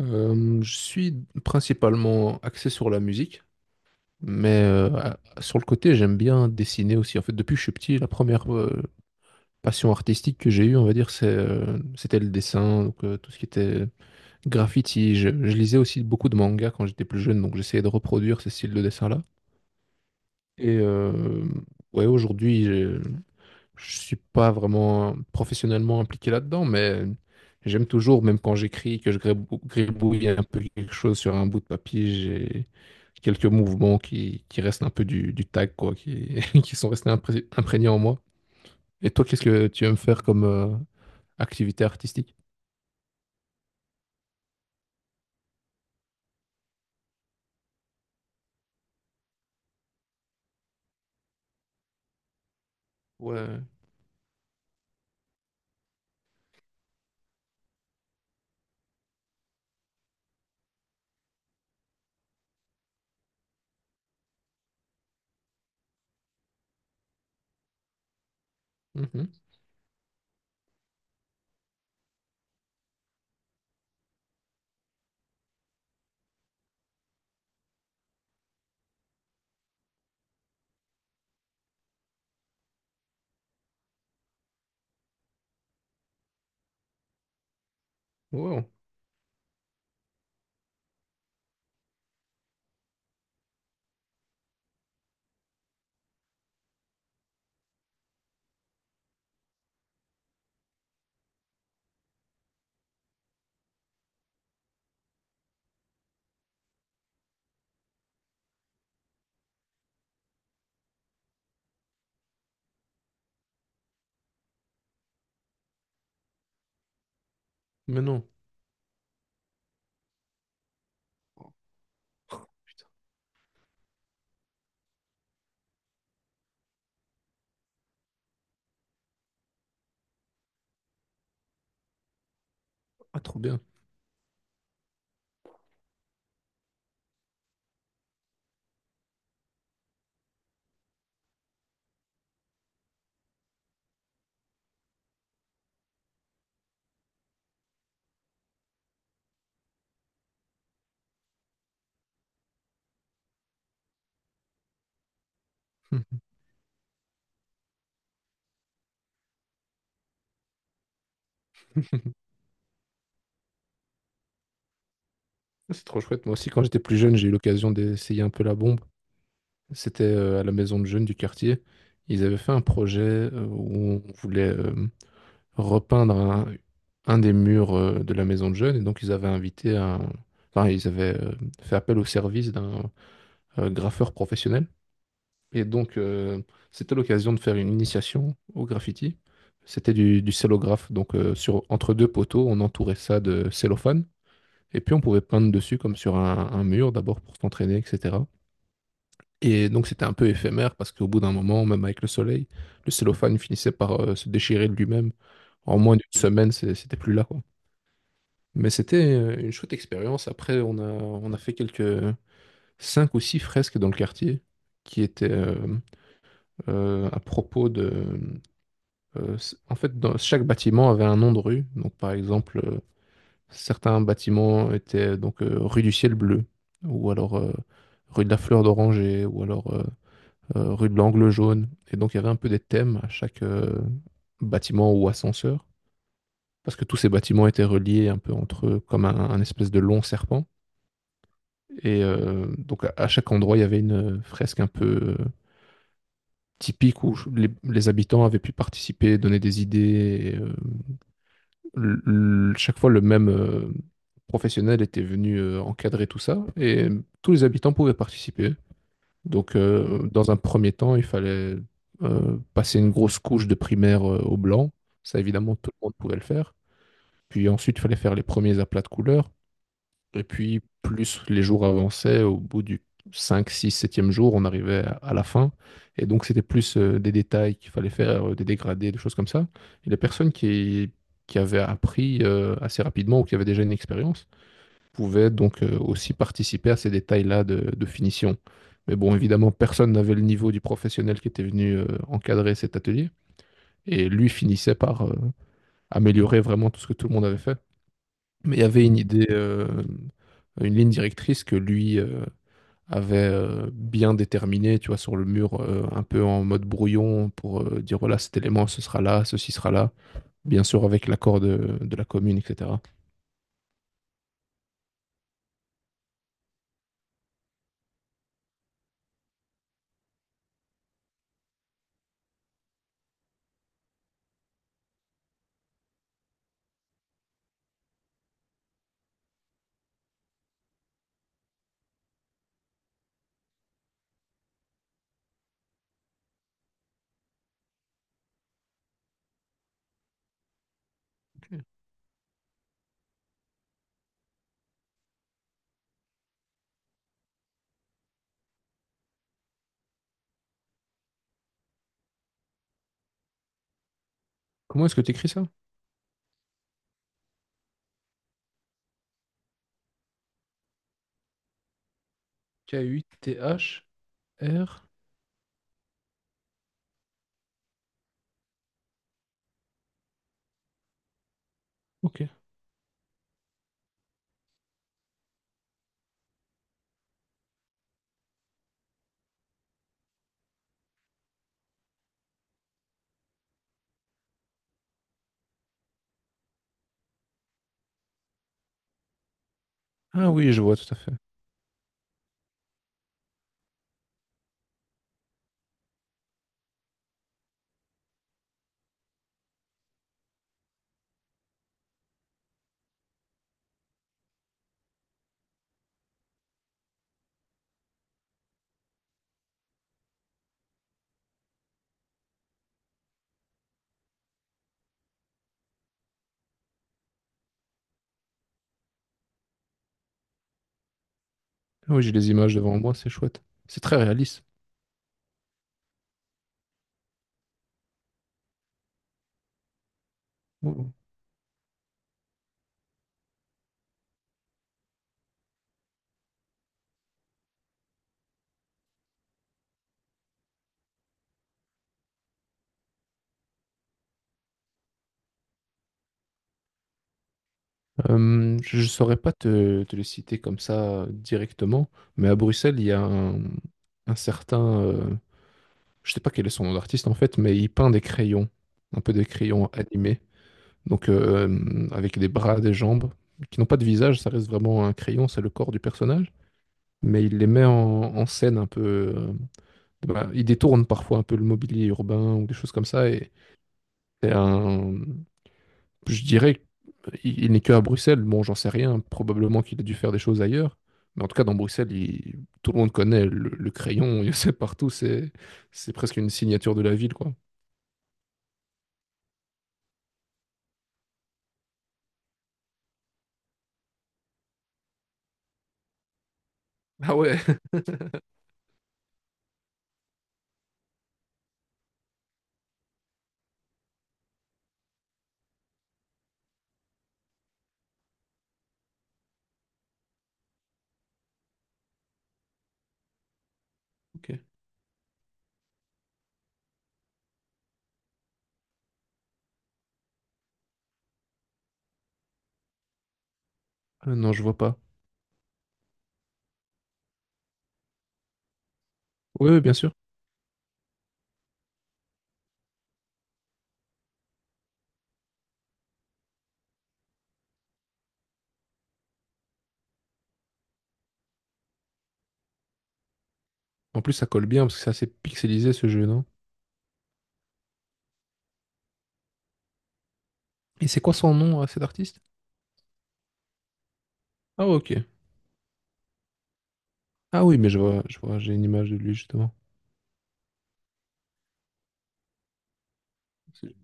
Je suis principalement axé sur la musique, mais sur le côté, j'aime bien dessiner aussi. En fait, depuis que je suis petit, la première passion artistique que j'ai eue, on va dire, c'était le dessin, donc tout ce qui était graffiti. Je lisais aussi beaucoup de mangas quand j'étais plus jeune, donc j'essayais de reproduire ces styles de dessin-là. Et ouais, aujourd'hui, je suis pas vraiment professionnellement impliqué là-dedans, mais j'aime toujours, même quand j'écris, que je gribouille un peu quelque chose sur un bout de papier, j'ai quelques mouvements qui restent un peu du tag, quoi, qui, qui sont restés imprégnés en moi. Et toi, qu'est-ce que tu aimes faire comme activité artistique? Ouais. Mhm. Wow. Mais non. Oh, putain. Ah, trop bien. C'est trop chouette. Moi aussi, quand j'étais plus jeune, j'ai eu l'occasion d'essayer un peu la bombe. C'était à la maison de jeunes du quartier. Ils avaient fait un projet où on voulait repeindre un des murs de la maison de jeunes. Et donc, ils avaient invité un... Enfin, ils avaient fait appel au service d'un graffeur professionnel. Et donc, c'était l'occasion de faire une initiation au graffiti. C'était du cellographe. Donc, entre deux poteaux, on entourait ça de cellophane. Et puis, on pouvait peindre dessus comme sur un mur, d'abord pour s'entraîner, etc. Et donc c'était un peu éphémère parce qu'au bout d'un moment, même avec le soleil, le cellophane finissait par se déchirer de lui-même. En moins d'une semaine, c'était plus là, quoi. Mais c'était une chouette expérience. Après, on a fait quelques cinq ou six fresques dans le quartier qui étaient à propos de... En fait, chaque bâtiment avait un nom de rue. Donc par exemple, certains bâtiments étaient donc rue du Ciel Bleu ou alors rue de la Fleur d'Oranger ou alors rue de l'Angle Jaune. Et donc, il y avait un peu des thèmes à chaque bâtiment ou ascenseur, parce que tous ces bâtiments étaient reliés un peu entre eux comme un espèce de long serpent. Et donc, à chaque endroit, il y avait une fresque un peu typique où les habitants avaient pu participer, donner des idées. Et, chaque fois, le même professionnel était venu encadrer tout ça, et tous les habitants pouvaient participer. Donc, dans un premier temps, il fallait passer une grosse couche de primaire au blanc. Ça, évidemment, tout le monde pouvait le faire. Puis ensuite, il fallait faire les premiers aplats de couleurs. Et puis, plus les jours avançaient, au bout du 5, 6, septième jour, on arrivait à la fin. Et donc, c'était plus des détails qu'il fallait faire, des dégradés, des choses comme ça. Et les personnes qui avaient appris assez rapidement ou qui avaient déjà une expérience, pouvaient donc aussi participer à ces détails-là de finition. Mais bon, évidemment, personne n'avait le niveau du professionnel qui était venu encadrer cet atelier. Et lui finissait par améliorer vraiment tout ce que tout le monde avait fait. Mais il y avait une idée, une ligne directrice que lui avait bien déterminée, tu vois, sur le mur, un peu en mode brouillon, pour dire, voilà, cet élément, ce sera là, ceci sera là. Bien sûr, avec l'accord de la commune, etc. Ok. Comment est-ce que tu écris ça? K-U-T-H-R? Ok. Ah oui, je vois tout à fait. Ah oui, j'ai les images devant moi, c'est chouette. C'est très réaliste. Oh. Je ne saurais pas te les citer comme ça directement, mais à Bruxelles, il y a un certain... je ne sais pas quel est son nom d'artiste en fait, mais il peint des crayons, un peu des crayons animés, donc avec des bras, des jambes, qui n'ont pas de visage, ça reste vraiment un crayon, c'est le corps du personnage, mais il les met en scène un peu... bah, il détourne parfois un peu le mobilier urbain ou des choses comme ça, et C'est un... Je dirais qu'il n'est que à Bruxelles. Bon, j'en sais rien. Probablement qu'il a dû faire des choses ailleurs. Mais en tout cas, dans Bruxelles, tout le monde connaît le crayon. Il sait partout. C'est presque une signature de la ville, quoi. Ah ouais. Ok. Ah non, je vois pas. Oui, oui, bien sûr. En plus, ça colle bien parce que c'est assez pixelisé ce jeu, non? Et c'est quoi son nom à cet artiste? Ah ok. Ah oui, mais je vois, j'ai une image de lui justement. C'est-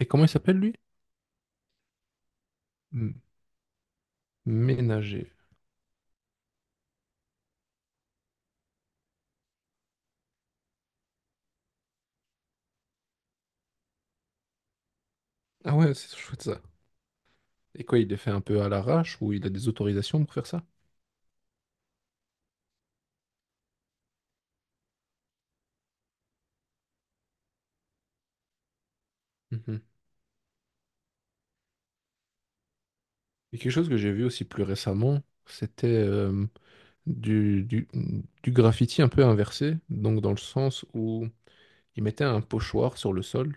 Et comment il s'appelle lui? M- Ménager. Ah ouais, c'est chouette ça. Et quoi, il les fait un peu à l'arrache ou il a des autorisations pour faire ça? Mhm. Et quelque chose que j'ai vu aussi plus récemment, c'était du, du, du graffiti un peu inversé, donc dans le sens où il mettait un pochoir sur le sol,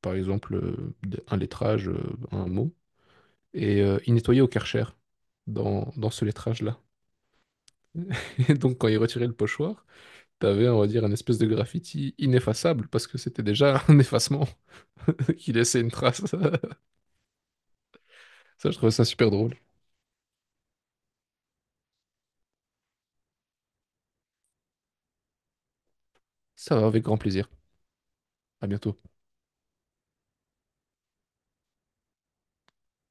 par exemple un lettrage, un mot, et il nettoyait au Karcher dans ce lettrage-là. Et donc quand il retirait le pochoir, t'avais, on va dire, une espèce de graffiti ineffaçable, parce que c'était déjà un effacement qui laissait une trace. Ça, je trouvais ça super drôle. Ça va, avec grand plaisir. À bientôt.